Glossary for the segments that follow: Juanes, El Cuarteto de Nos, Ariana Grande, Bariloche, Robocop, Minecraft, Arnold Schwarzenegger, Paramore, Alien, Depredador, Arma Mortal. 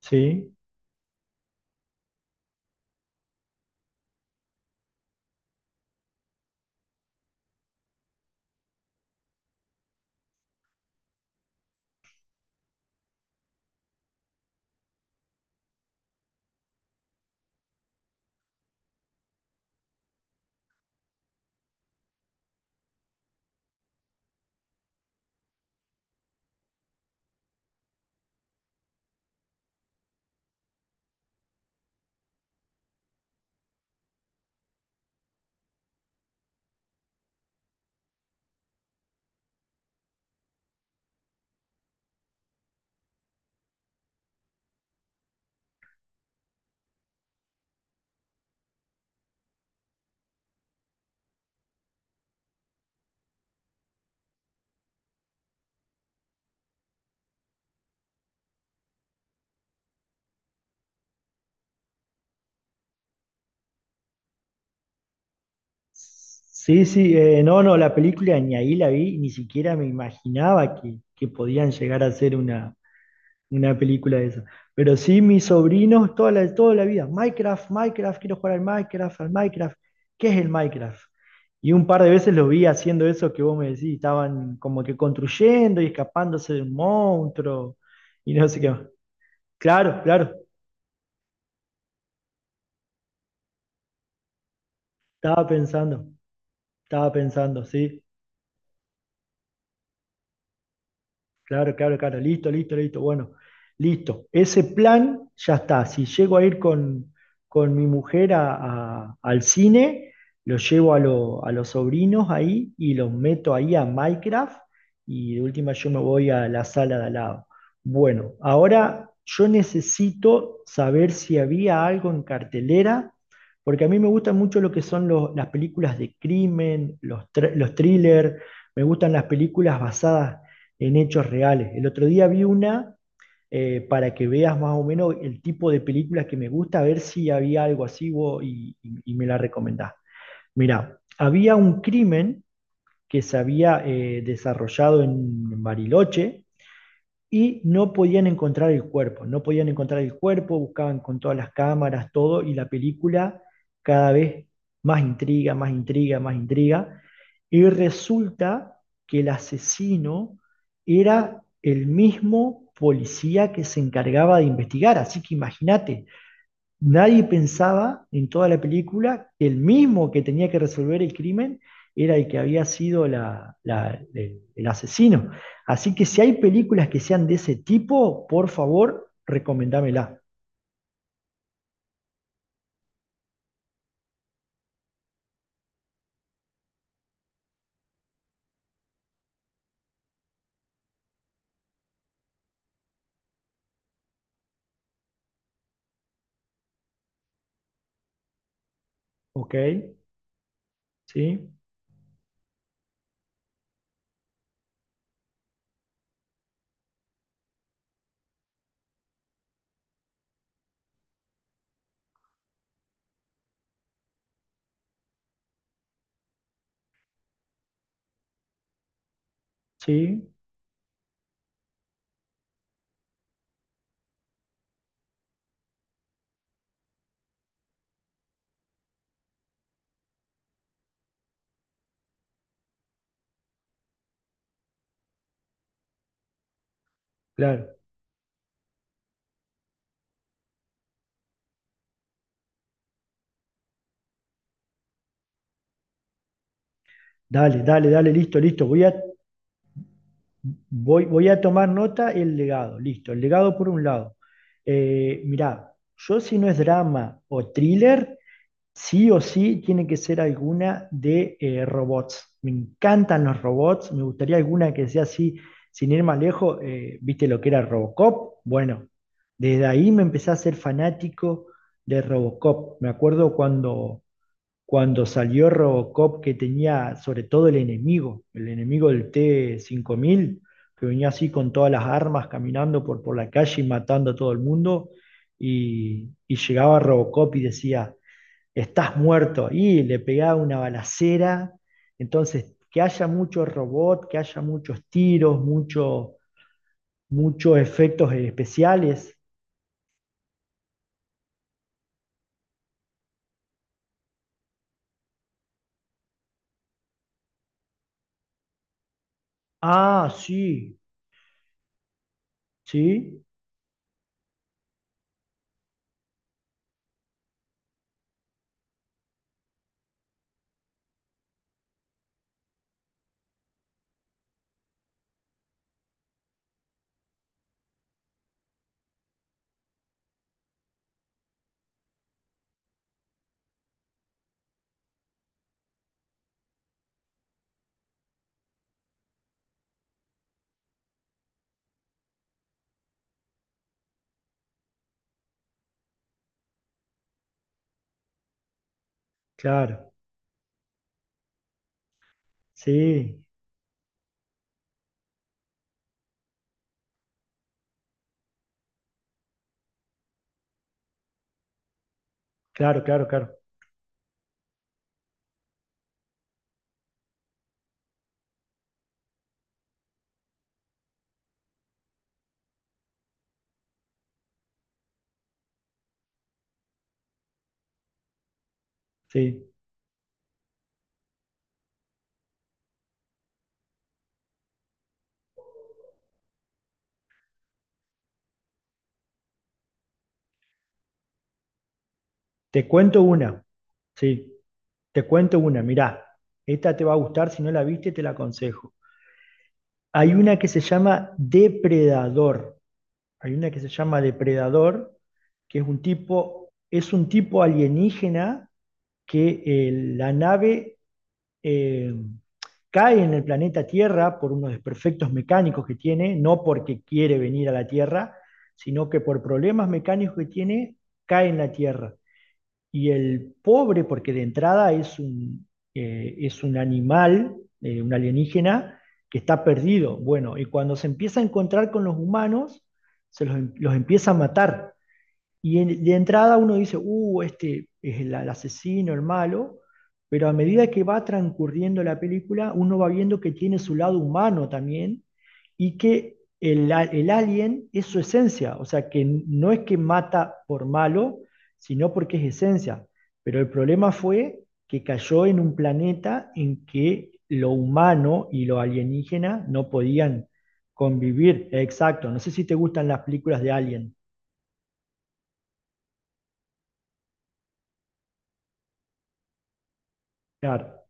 Sí, sí, sí, la película ni ahí la vi, ni siquiera me imaginaba que podían llegar a ser una película de esa. Pero sí, mis sobrinos toda la vida, Minecraft, Minecraft, quiero jugar al Minecraft, ¿qué es el Minecraft? Y un par de veces los vi haciendo eso que vos me decís, estaban como que construyendo y escapándose de un monstruo y no sé qué más. Claro, claro, estaba pensando, estaba pensando, sí. Claro, claro, claro. Listo, listo, listo. Bueno, listo. Ese plan ya está. Si llego a ir con mi mujer al cine, lo llevo a, lo- a los sobrinos ahí y los meto ahí a Minecraft y de última yo me voy a la sala de al lado. Bueno, ahora yo necesito saber si había algo en cartelera, porque a mí me gustan mucho lo que son las películas de crimen, los thrillers, me gustan las películas basadas en hechos reales. El otro día vi una para que veas más o menos el tipo de películas que me gusta, a ver si había algo así vos, y me la recomendás. Mirá, había un crimen que se había desarrollado en Bariloche y no podían encontrar el cuerpo, no podían encontrar el cuerpo, buscaban con todas las cámaras, todo, y la película cada vez más intriga, más intriga, más intriga, y resulta que el asesino era el mismo policía que se encargaba de investigar, así que imagínate, nadie pensaba en toda la película que el mismo que tenía que resolver el crimen era el que había sido el asesino. Así que si hay películas que sean de ese tipo, por favor, recomendámela. ¿Ok? ¿Sí? ¿Sí? Claro. Dale, dale, dale, listo, listo. Voy, voy a tomar nota el legado. Listo, el legado por un lado. Mirá, yo si no es drama o thriller, sí o sí tiene que ser alguna de robots. Me encantan los robots, me gustaría alguna que sea así, sin ir más lejos, ¿viste lo que era Robocop? Bueno, desde ahí me empecé a ser fanático de Robocop. Me acuerdo cuando salió Robocop que tenía sobre todo el enemigo del T-5000 que venía así con todas las armas caminando por la calle y matando a todo el mundo, y llegaba Robocop y decía estás muerto. Y le pegaba una balacera. Entonces, que haya mucho robot, que haya muchos tiros, mucho, muchos efectos especiales. Ah, sí, sí, claro, sí, claro, claro, claro. Sí. Te cuento una, sí, te cuento una, mirá, esta te va a gustar, si no la viste, te la aconsejo. Hay una que se llama Depredador. Hay una que se llama Depredador, que es un tipo alienígena que la nave eh, cae en el planeta Tierra por unos desperfectos mecánicos que tiene, no porque quiere venir a la Tierra, sino que por problemas mecánicos que tiene, cae en la Tierra. Y el pobre, porque de entrada es es un animal, un alienígena, que está perdido. Bueno, y cuando se empieza a encontrar con los humanos, los empieza a matar. Y de entrada uno dice, este es el asesino, el malo, pero a medida que va transcurriendo la película, uno va viendo que tiene su lado humano también y que el alien es su esencia, o sea, que no es que mata por malo, sino porque es esencia. Pero el problema fue que cayó en un planeta en que lo humano y lo alienígena no podían convivir. Exacto, no sé si te gustan las películas de Alien. Claro.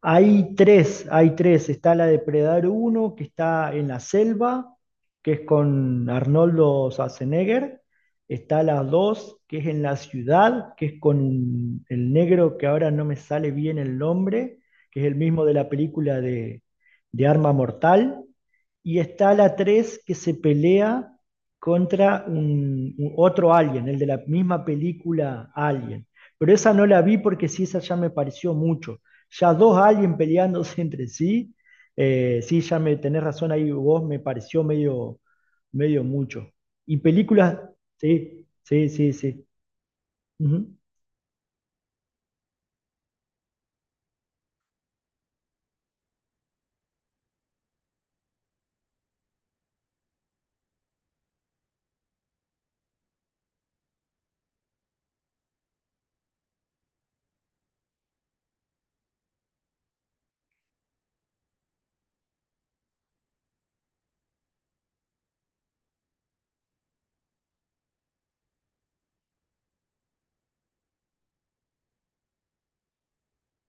Hay tres, hay tres. Está la de Predar uno que está en la selva, que es con Arnoldo Schwarzenegger. Está la 2 que es en la ciudad, que es con el negro que ahora no me sale bien el nombre, que es el mismo de la película de Arma Mortal. Y está la 3 que se pelea contra otro alien, el de la misma película Alien. Pero esa no la vi porque sí, esa ya me pareció mucho ya dos aliens peleándose entre sí. Sí, ya me tenés razón ahí vos, me pareció medio, medio mucho. Y películas, sí, sí, sí, sí. Ujú.